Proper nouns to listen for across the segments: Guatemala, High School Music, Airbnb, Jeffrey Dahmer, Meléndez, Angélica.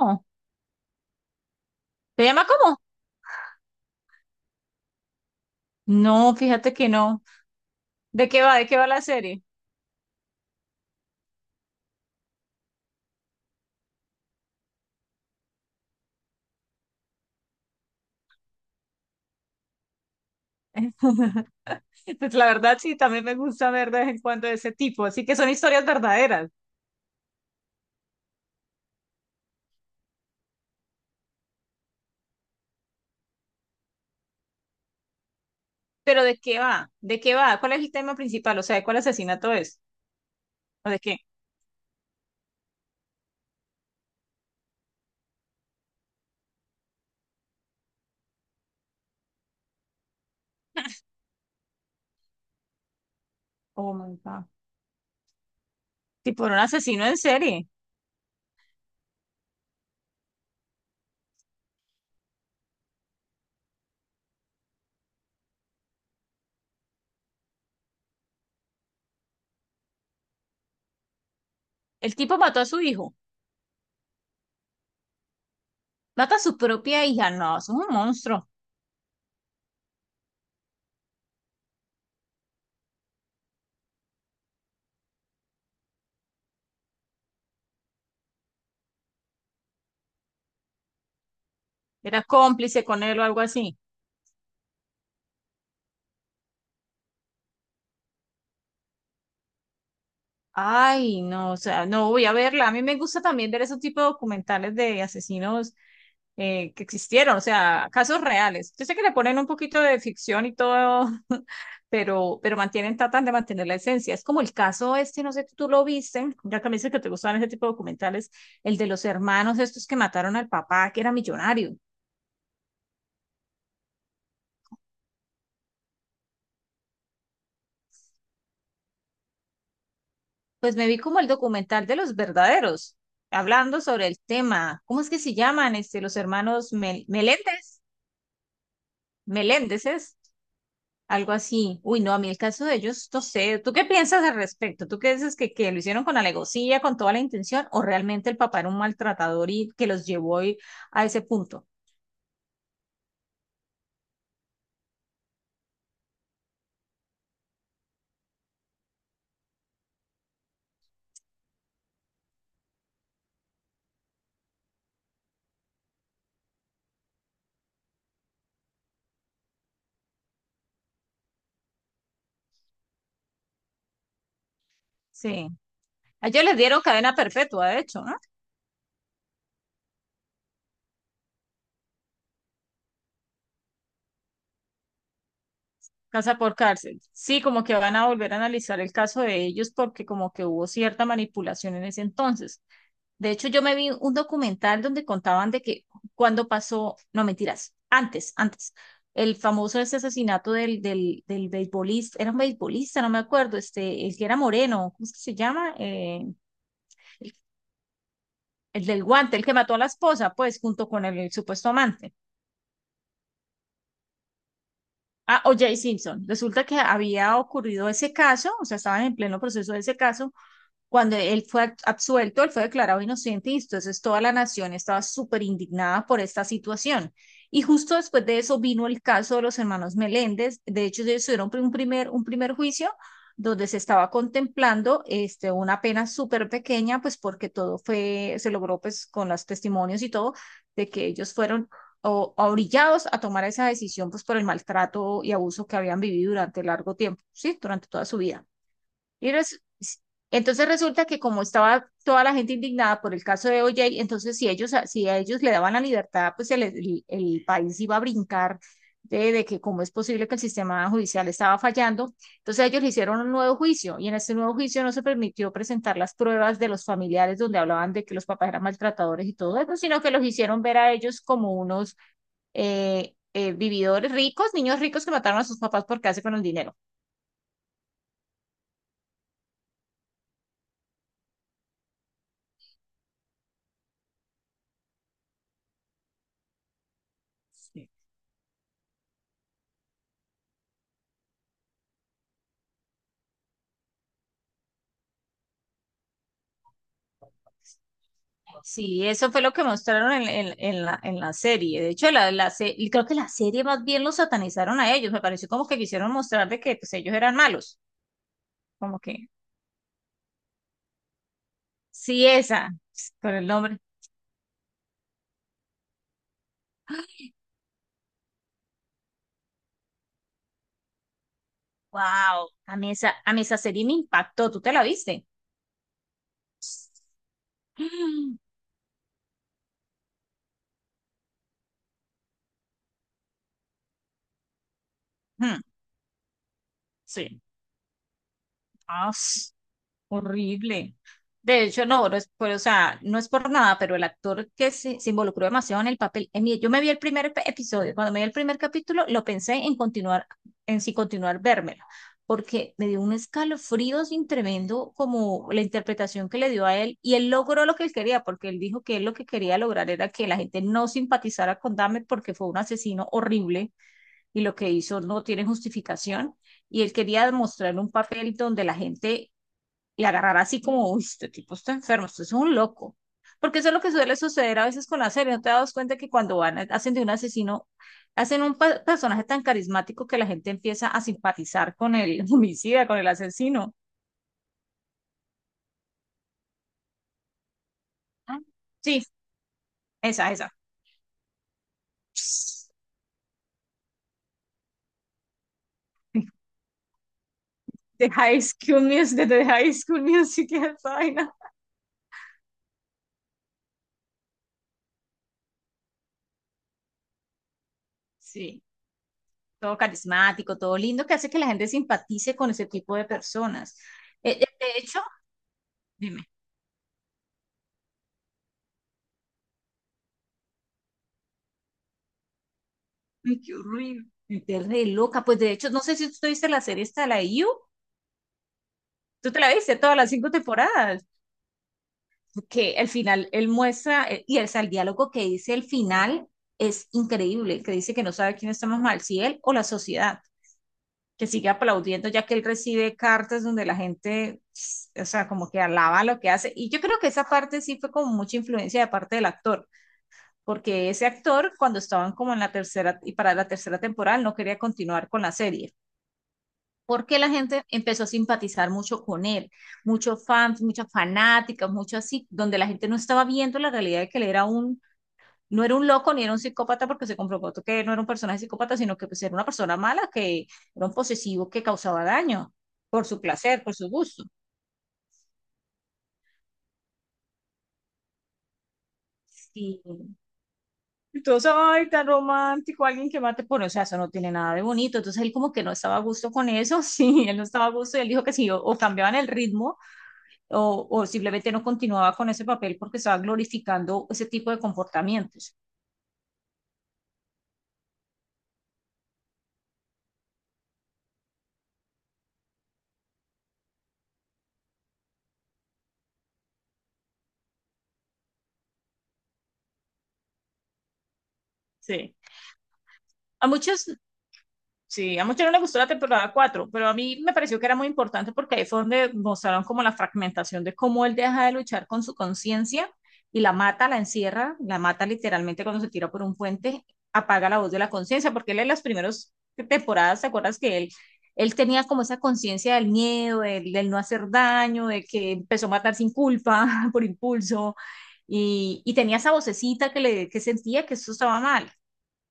No. ¿Se llama cómo? No, fíjate que no. ¿De qué va? ¿De qué va la serie? Pues la verdad sí, también me gusta ver de vez en cuando de ese tipo, así que son historias verdaderas. Pero ¿de qué va? ¿De qué va? ¿Cuál es el tema principal? O sea, ¿de cuál asesinato es? ¿O de qué? Oh my God. Tipo, era un asesino en serie. El tipo mató a su hijo. Mata a su propia hija. No, eso es un monstruo. Era cómplice con él o algo así. Ay, no, o sea, no voy a verla. A mí me gusta también ver ese tipo de documentales de asesinos que existieron, o sea, casos reales. Yo sé que le ponen un poquito de ficción y todo, pero mantienen, tratan de mantener la esencia. Es como el caso este, no sé si tú lo viste, ya que me dices que te gustan ese tipo de documentales, el de los hermanos estos que mataron al papá, que era millonario. Pues me vi como el documental de los verdaderos, hablando sobre el tema. ¿Cómo es que se llaman este, los hermanos Meléndez? Meléndez. Algo así. Uy, no, a mí el caso de ellos, no sé. ¿Tú qué piensas al respecto? ¿Tú qué dices que lo hicieron con alegocía, con toda la intención, o realmente el papá era un maltratador y que los llevó ahí a ese punto? Sí. A ellos les dieron cadena perpetua, de hecho, ¿no? Casa por cárcel. Sí, como que van a volver a analizar el caso de ellos porque como que hubo cierta manipulación en ese entonces. De hecho, yo me vi un documental donde contaban de que cuando pasó, no mentiras, antes, el famoso ese asesinato del beisbolista, era un beisbolista, no me acuerdo, este, el que era moreno, ¿cómo es que se llama? El del guante, el que mató a la esposa, pues, junto con el supuesto amante. Ah, O.J. Simpson. Resulta que había ocurrido ese caso, o sea, estaban en pleno proceso de ese caso. Cuando él fue absuelto, él fue declarado inocente y entonces toda la nación estaba súper indignada por esta situación. Y justo después de eso vino el caso de los hermanos Meléndez. De hecho, ellos tuvieron un primer juicio donde se estaba contemplando este, una pena súper pequeña, pues porque todo fue, se logró pues con los testimonios y todo, de que ellos fueron orillados a tomar esa decisión pues por el maltrato y abuso que habían vivido durante largo tiempo, ¿sí? Durante toda su vida. Y res- entonces resulta que como estaba toda la gente indignada por el caso de O.J., entonces si a ellos le daban la libertad, pues el país iba a brincar de que cómo es posible que el sistema judicial estaba fallando. Entonces ellos le hicieron un nuevo juicio y en este nuevo juicio no se permitió presentar las pruebas de los familiares donde hablaban de que los papás eran maltratadores y todo eso, sino que los hicieron ver a ellos como unos vividores ricos, niños ricos que mataron a sus papás por quedarse con el dinero. Sí, eso fue lo que mostraron en la serie. De hecho, y creo que la serie más bien los satanizaron a ellos. Me pareció como que quisieron mostrar de que pues, ellos eran malos. Como que, sí, esa, con el nombre. Wow, a mí esa serie me impactó. ¿Tú te la viste? Mm, sí. Ah, sí. Horrible. De hecho, no, no es por, o sea, no es por nada, pero el actor que se involucró demasiado en el papel, yo me vi el primer episodio, cuando me vi el primer capítulo, lo pensé en continuar, en si continuar vérmelo, porque me dio un escalofrío sin tremendo como la interpretación que le dio a él, y él logró lo que él quería, porque él dijo que él lo que quería lograr era que la gente no simpatizara con Dahmer porque fue un asesino horrible y lo que hizo no tiene justificación y él quería demostrar un papel donde la gente le agarrará así como, uy, este tipo está enfermo, esto es un loco. Porque eso es lo que suele suceder a veces con las series. ¿No te das cuenta que cuando van, hacen de un asesino, hacen un personaje tan carismático que la gente empieza a simpatizar con el homicida, con el asesino? Ah, sí, esa, esa. De High School Music, de High School Music, esa vaina. Sí, todo carismático, todo lindo, que hace que la gente simpatice con ese tipo de personas. De hecho, dime. Ay, qué horrible. Te re loca. Pues de hecho, no sé si tú viste la serie esta de la IU. Tú te la viste todas las cinco temporadas. Porque al final él muestra, y el diálogo que dice el final es increíble, que dice que no sabe quién está más mal, si él o la sociedad, que sigue aplaudiendo ya que él recibe cartas donde la gente, o sea, como que alaba lo que hace. Y yo creo que esa parte sí fue como mucha influencia de parte del actor, porque ese actor cuando estaban como en la tercera y para la tercera temporada él no quería continuar con la serie porque la gente empezó a simpatizar mucho con él, muchos fans, muchas fanáticas, mucho así, donde la gente no estaba viendo la realidad de que él no era un loco ni era un psicópata porque se comprobó que no era un personaje psicópata, sino que pues, era una persona mala, que era un posesivo que causaba daño por su placer, por su gusto. Sí. Entonces, ay, tan romántico, alguien que mate por, o sea, eso no tiene nada de bonito. Entonces él como que no estaba a gusto con eso, sí, él no estaba a gusto y él dijo que si o cambiaban el ritmo o simplemente no continuaba con ese papel porque estaba glorificando ese tipo de comportamientos. Sí. A muchas Sí, a muchos no les gustó la temporada 4, pero a mí me pareció que era muy importante porque ahí fue donde mostraron como la fragmentación de cómo él deja de luchar con su conciencia y la mata, la encierra, la mata literalmente cuando se tira por un puente, apaga la voz de la conciencia, porque él en las primeras temporadas, ¿te acuerdas que él tenía como esa conciencia del miedo, del no hacer daño, de que empezó a matar sin culpa, por impulso, y tenía esa vocecita que sentía que eso estaba mal,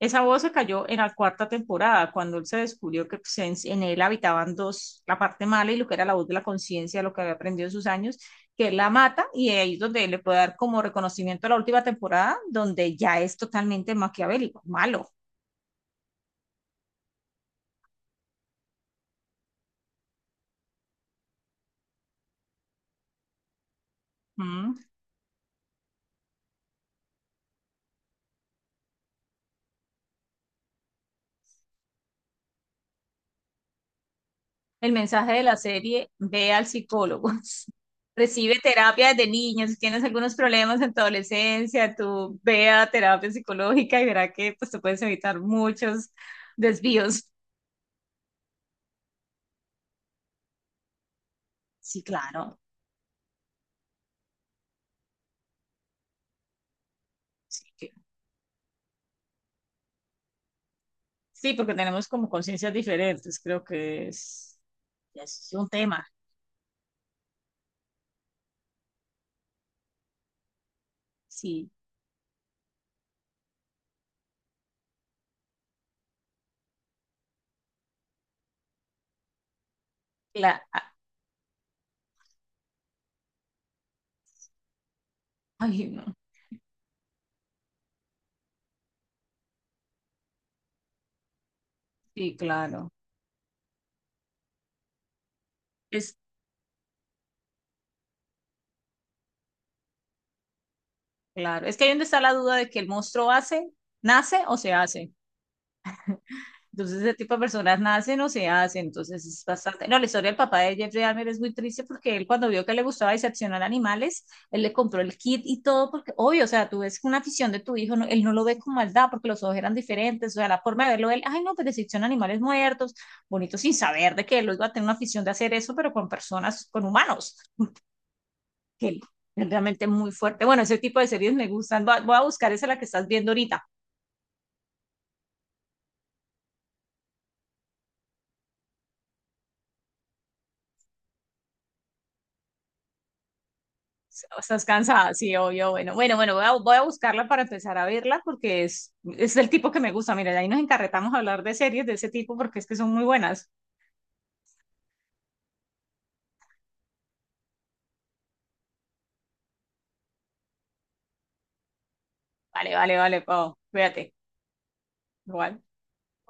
esa voz se cayó en la cuarta temporada, cuando él se descubrió que pues, en él habitaban dos, la parte mala y lo que era la voz de la conciencia, lo que había aprendido en sus años, que él la mata y ahí es donde le puede dar como reconocimiento a la última temporada, donde ya es totalmente maquiavélico, malo. ¿Mm? El mensaje de la serie, ve al psicólogo. Recibe terapia desde niño, si tienes algunos problemas en tu adolescencia, tú ve a terapia psicológica y verá que pues te puedes evitar muchos desvíos. Sí, claro. Sí, sí, porque tenemos como conciencias diferentes, creo que es un tema. Sí, claro. Ay, no. Sí, claro. Es claro. Es que ahí donde está la duda de que el monstruo hace, nace o se hace. Entonces, ese tipo de personas nacen o se hacen. Entonces, es bastante. No, la historia del papá de Jeffrey Dahmer es muy triste porque él, cuando vio que le gustaba diseccionar animales, él le compró el kit y todo, porque, obvio, o sea, tú ves una afición de tu hijo, él no lo ve con maldad porque los ojos eran diferentes. O sea, la forma de verlo, él, ay, no, pues disecciona animales muertos, bonito, sin saber de que él iba a tener una afición de hacer eso, pero con personas, con humanos, que él- es realmente muy fuerte. Bueno, ese tipo de series me gustan. Voy a buscar esa la que estás viendo ahorita. Estás cansada, sí, obvio. Bueno, bueno, bueno, voy a buscarla para empezar a verla porque es el tipo que me gusta. Mira, de ahí nos encarretamos a hablar de series de ese tipo porque es que son muy buenas. Vale, vale, vale, Pau. Cuídate. Igual.